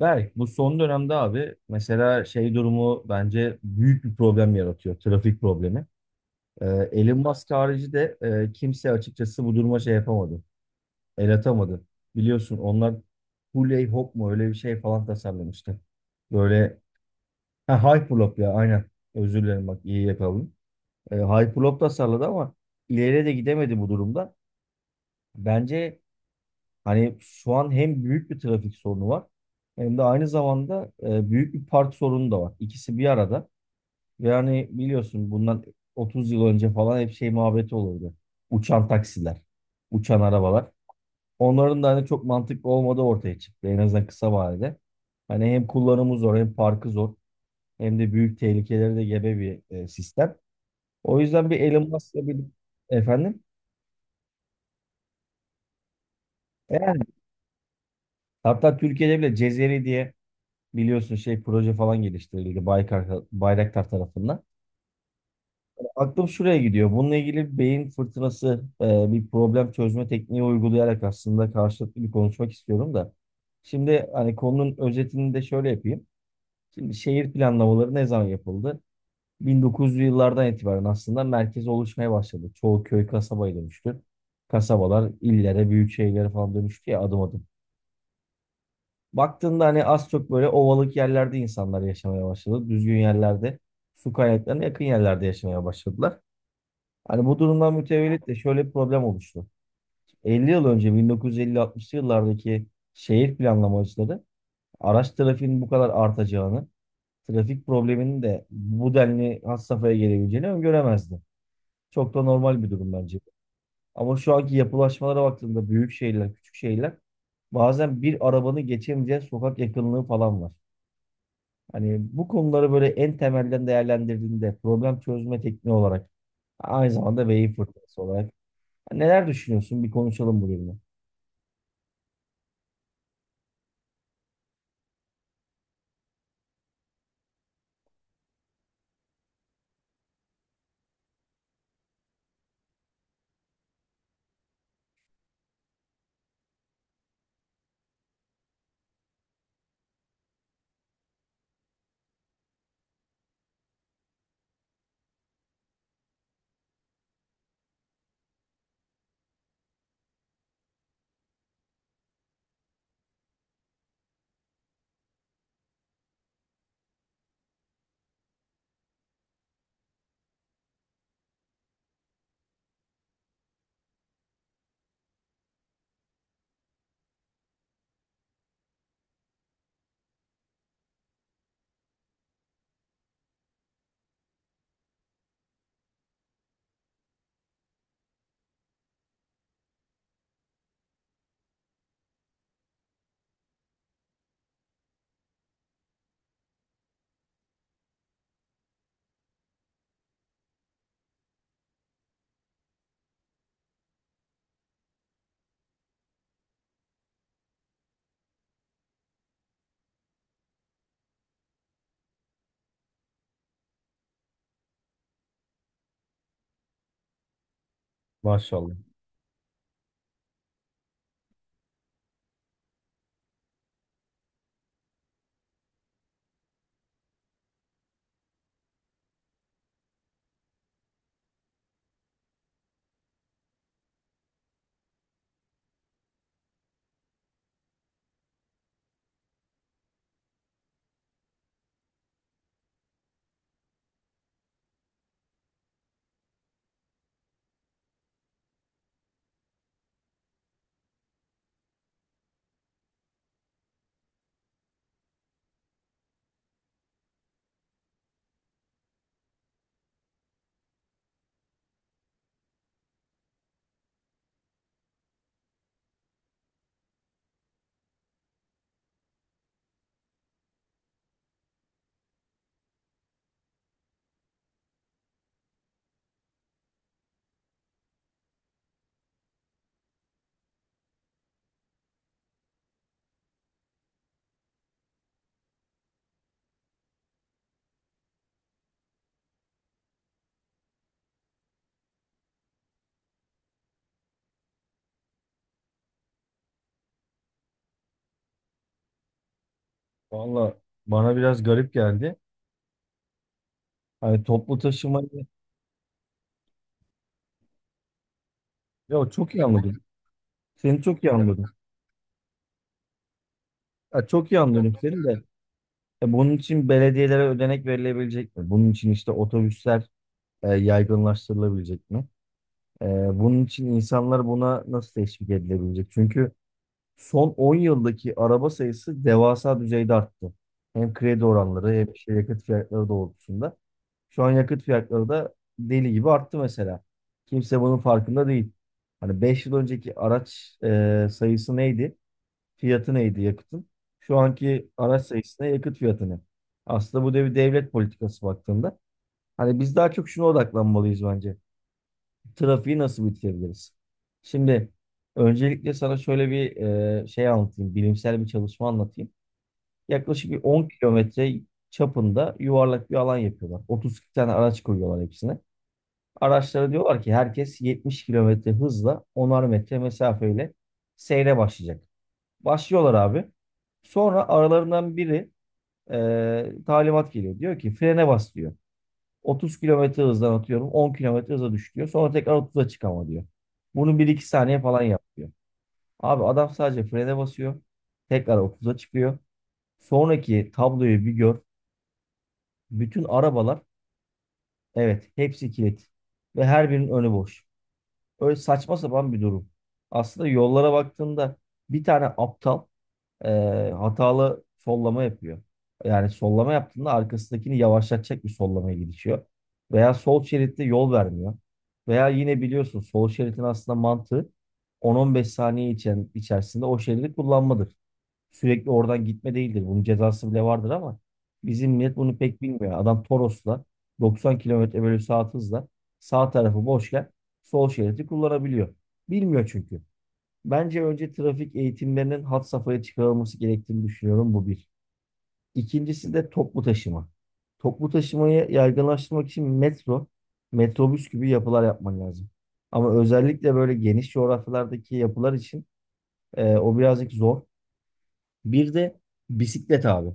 Berk, bu son dönemde abi mesela şey durumu bence büyük bir problem yaratıyor. Trafik problemi. Ee, Elon Musk harici de kimse açıkçası bu duruma şey yapamadı. El atamadı. Biliyorsun onlar Huley Hop mu öyle bir şey falan tasarlamıştı. Böyle ha, Hyperloop ya aynen. Özür dilerim bak iyi yakaladım. Hyperloop tasarladı ama ileriye de gidemedi bu durumda. Bence hani şu an hem büyük bir trafik sorunu var hem de aynı zamanda büyük bir park sorunu da var. İkisi bir arada. Ve hani biliyorsun bundan 30 yıl önce falan hep şey muhabbeti olurdu. Uçan taksiler, uçan arabalar. Onların da hani çok mantıklı olmadığı ortaya çıktı en azından kısa vadede. Hani hem kullanımı zor hem parkı zor hem de büyük tehlikeleri de gebe bir sistem. O yüzden bir Elon Musk'la bir efendim. Yani hatta Türkiye'de bile Cezeri diye biliyorsun şey proje falan geliştirildi Baykar, Bayraktar tarafından. Aklım şuraya gidiyor. Bununla ilgili bir beyin fırtınası bir problem çözme tekniği uygulayarak aslında karşılıklı bir konuşmak istiyorum da. Şimdi hani konunun özetini de şöyle yapayım. Şimdi şehir planlamaları ne zaman yapıldı? 1900'lü yıllardan itibaren aslında merkez oluşmaya başladı. Çoğu köy kasabaya dönüştü. Kasabalar illere, büyük şehirlere falan dönüştü ya adım adım. Baktığında hani az çok böyle ovalık yerlerde insanlar yaşamaya başladı. Düzgün yerlerde, su kaynaklarına yakın yerlerde yaşamaya başladılar. Hani bu durumdan mütevellit de şöyle bir problem oluştu. 50 yıl önce 1950-60'lı yıllardaki şehir planlamacıları araç trafiğinin bu kadar artacağını, trafik probleminin de bu denli has safhaya gelebileceğini öngöremezdi. Çok da normal bir durum bence. Ama şu anki yapılaşmalara baktığımda büyük şehirler, küçük şehirler bazen bir arabanı geçemeyeceği sokak yakınlığı falan var. Hani bu konuları böyle en temelden değerlendirdiğinde problem çözme tekniği olarak aynı zamanda beyin fırtınası olarak neler düşünüyorsun? Bir konuşalım bu bölümü. Maşallah. Valla bana biraz garip geldi. Hani toplu taşımayı ya çok iyi anladım. Seni çok iyi ya, anladım. Ya çok iyi anlıyorum seni de. Ya bunun için belediyelere ödenek verilebilecek mi? Bunun için işte otobüsler yaygınlaştırılabilecek mi? E, bunun için insanlar buna nasıl teşvik edilebilecek? Çünkü son 10 yıldaki araba sayısı devasa düzeyde arttı. Hem kredi oranları hem işte yakıt fiyatları doğrultusunda. Şu an yakıt fiyatları da deli gibi arttı mesela. Kimse bunun farkında değil. Hani 5 yıl önceki araç sayısı neydi? Fiyatı neydi yakıtın? Şu anki araç sayısı ne? Yakıt fiyatı ne? Aslında bu da bir devlet politikası baktığında. Hani biz daha çok şuna odaklanmalıyız bence trafiği nasıl bitirebiliriz? Şimdi öncelikle sana şöyle bir şey anlatayım, bilimsel bir çalışma anlatayım. Yaklaşık bir 10 kilometre çapında yuvarlak bir alan yapıyorlar. 32 tane araç koyuyorlar hepsine. Araçlara diyorlar ki herkes 70 kilometre hızla 10'ar metre mesafeyle seyre başlayacak. Başlıyorlar abi. Sonra aralarından biri talimat geliyor. Diyor ki frene bas diyor. 30 kilometre hızdan atıyorum 10 kilometre hıza düş diyor. Sonra tekrar 30'a çık ama diyor. Bunu bir iki saniye falan yapıyor. Abi adam sadece frene basıyor. Tekrar 30'a çıkıyor. Sonraki tabloyu bir gör. Bütün arabalar evet hepsi kilit. Ve her birinin önü boş. Öyle saçma sapan bir durum. Aslında yollara baktığında bir tane aptal e, hatalı sollama yapıyor. Yani sollama yaptığında arkasındakini yavaşlatacak bir sollamaya gidişiyor. Veya sol şeritte yol vermiyor. Veya yine biliyorsun sol şeritin aslında mantığı 10-15 saniye içerisinde o şeridi kullanmadır. Sürekli oradan gitme değildir. Bunun cezası bile vardır ama bizim millet bunu pek bilmiyor. Adam Toros'la 90 kilometre bölü saat hızla sağ tarafı boşken sol şeridi kullanabiliyor. Bilmiyor çünkü. Bence önce trafik eğitimlerinin had safhaya çıkarılması gerektiğini düşünüyorum bu bir. İkincisi de toplu taşıma. Toplu taşımayı yaygınlaştırmak için metro, metrobüs gibi yapılar yapman lazım. Ama özellikle böyle geniş coğrafyalardaki yapılar için o birazcık zor. Bir de bisiklet abi.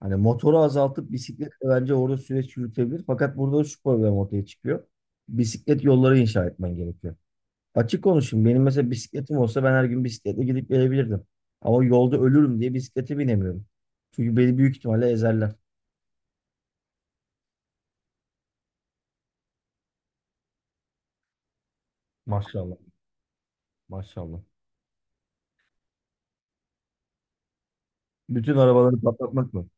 Hani motoru azaltıp bisikletle bence orada süreç yürütebilir. Fakat burada şu problem ortaya çıkıyor. Bisiklet yolları inşa etmen gerekiyor. Açık konuşayım. Benim mesela bisikletim olsa ben her gün bisikletle gidip gelebilirdim. Ama yolda ölürüm diye bisiklete binemiyorum. Çünkü beni büyük ihtimalle ezerler. Maşallah. Maşallah. Bütün arabaları patlatmak mı?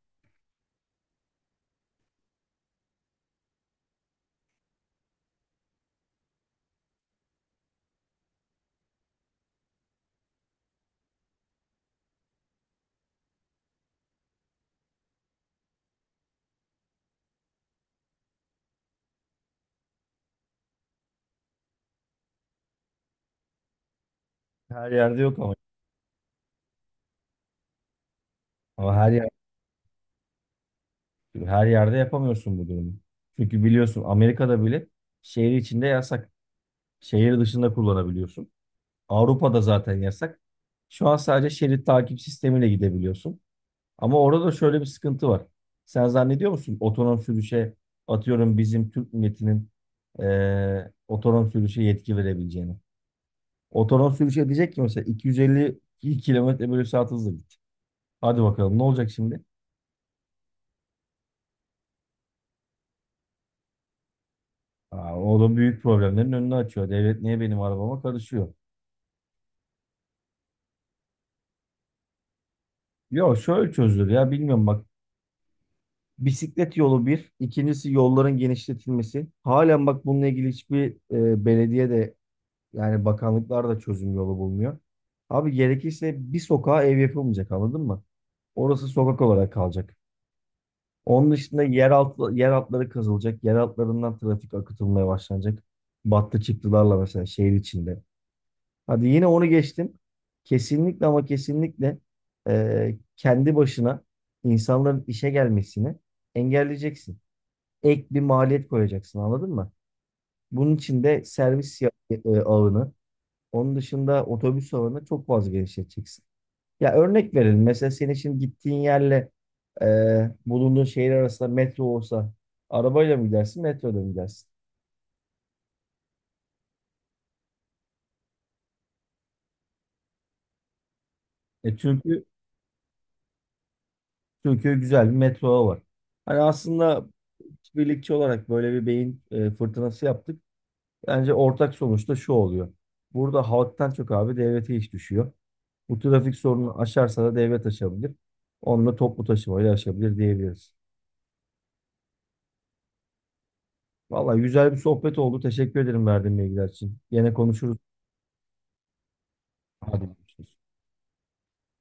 Her yerde yok ama. Ama her yerde yapamıyorsun bu durumu. Çünkü biliyorsun Amerika'da bile şehir içinde yasak. Şehir dışında kullanabiliyorsun. Avrupa'da zaten yasak. Şu an sadece şerit takip sistemiyle gidebiliyorsun. Ama orada da şöyle bir sıkıntı var. Sen zannediyor musun otonom sürüşe atıyorum bizim Türk milletinin otonom sürüşe yetki verebileceğini? Otonom sürüşe diyecek ki mesela 250 kilometre bölü saat hızla git. Hadi bakalım ne olacak şimdi? Aa, o da büyük problemlerin önünü açıyor. Devlet niye benim arabama karışıyor? Yok şöyle çözülür ya bilmiyorum bak. Bisiklet yolu bir, ikincisi yolların genişletilmesi. Halen bak bununla ilgili hiçbir belediye de yani bakanlıklar da çözüm yolu bulmuyor. Abi gerekirse bir sokağa ev yapılmayacak anladın mı? Orası sokak olarak kalacak. Onun dışında yer altı, yer altları kazılacak. Yer altlarından trafik akıtılmaya başlanacak. Battı çıktılarla mesela şehir içinde. Hadi yine onu geçtim. Kesinlikle ama kesinlikle kendi başına insanların işe gelmesini engelleyeceksin. Ek bir maliyet koyacaksın anladın mı? Bunun için de servis ağını onun dışında otobüs ağını çok fazla genişleteceksin. Ya örnek verelim. Mesela senin şimdi gittiğin yerle bulunduğun şehir arasında metro olsa arabayla mı gidersin, metroda mı gidersin? E çünkü çünkü güzel bir metro ağı var. Hani aslında birlikçi olarak böyle bir beyin fırtınası yaptık. Bence ortak sonuçta şu oluyor. Burada halktan çok abi devlete iş düşüyor. Bu trafik sorununu aşarsa da devlet aşabilir. Onunla toplu taşımayla aşabilir diyebiliriz. Vallahi güzel bir sohbet oldu. Teşekkür ederim verdiğin bilgiler için. Yine konuşuruz. Hadi görüşürüz.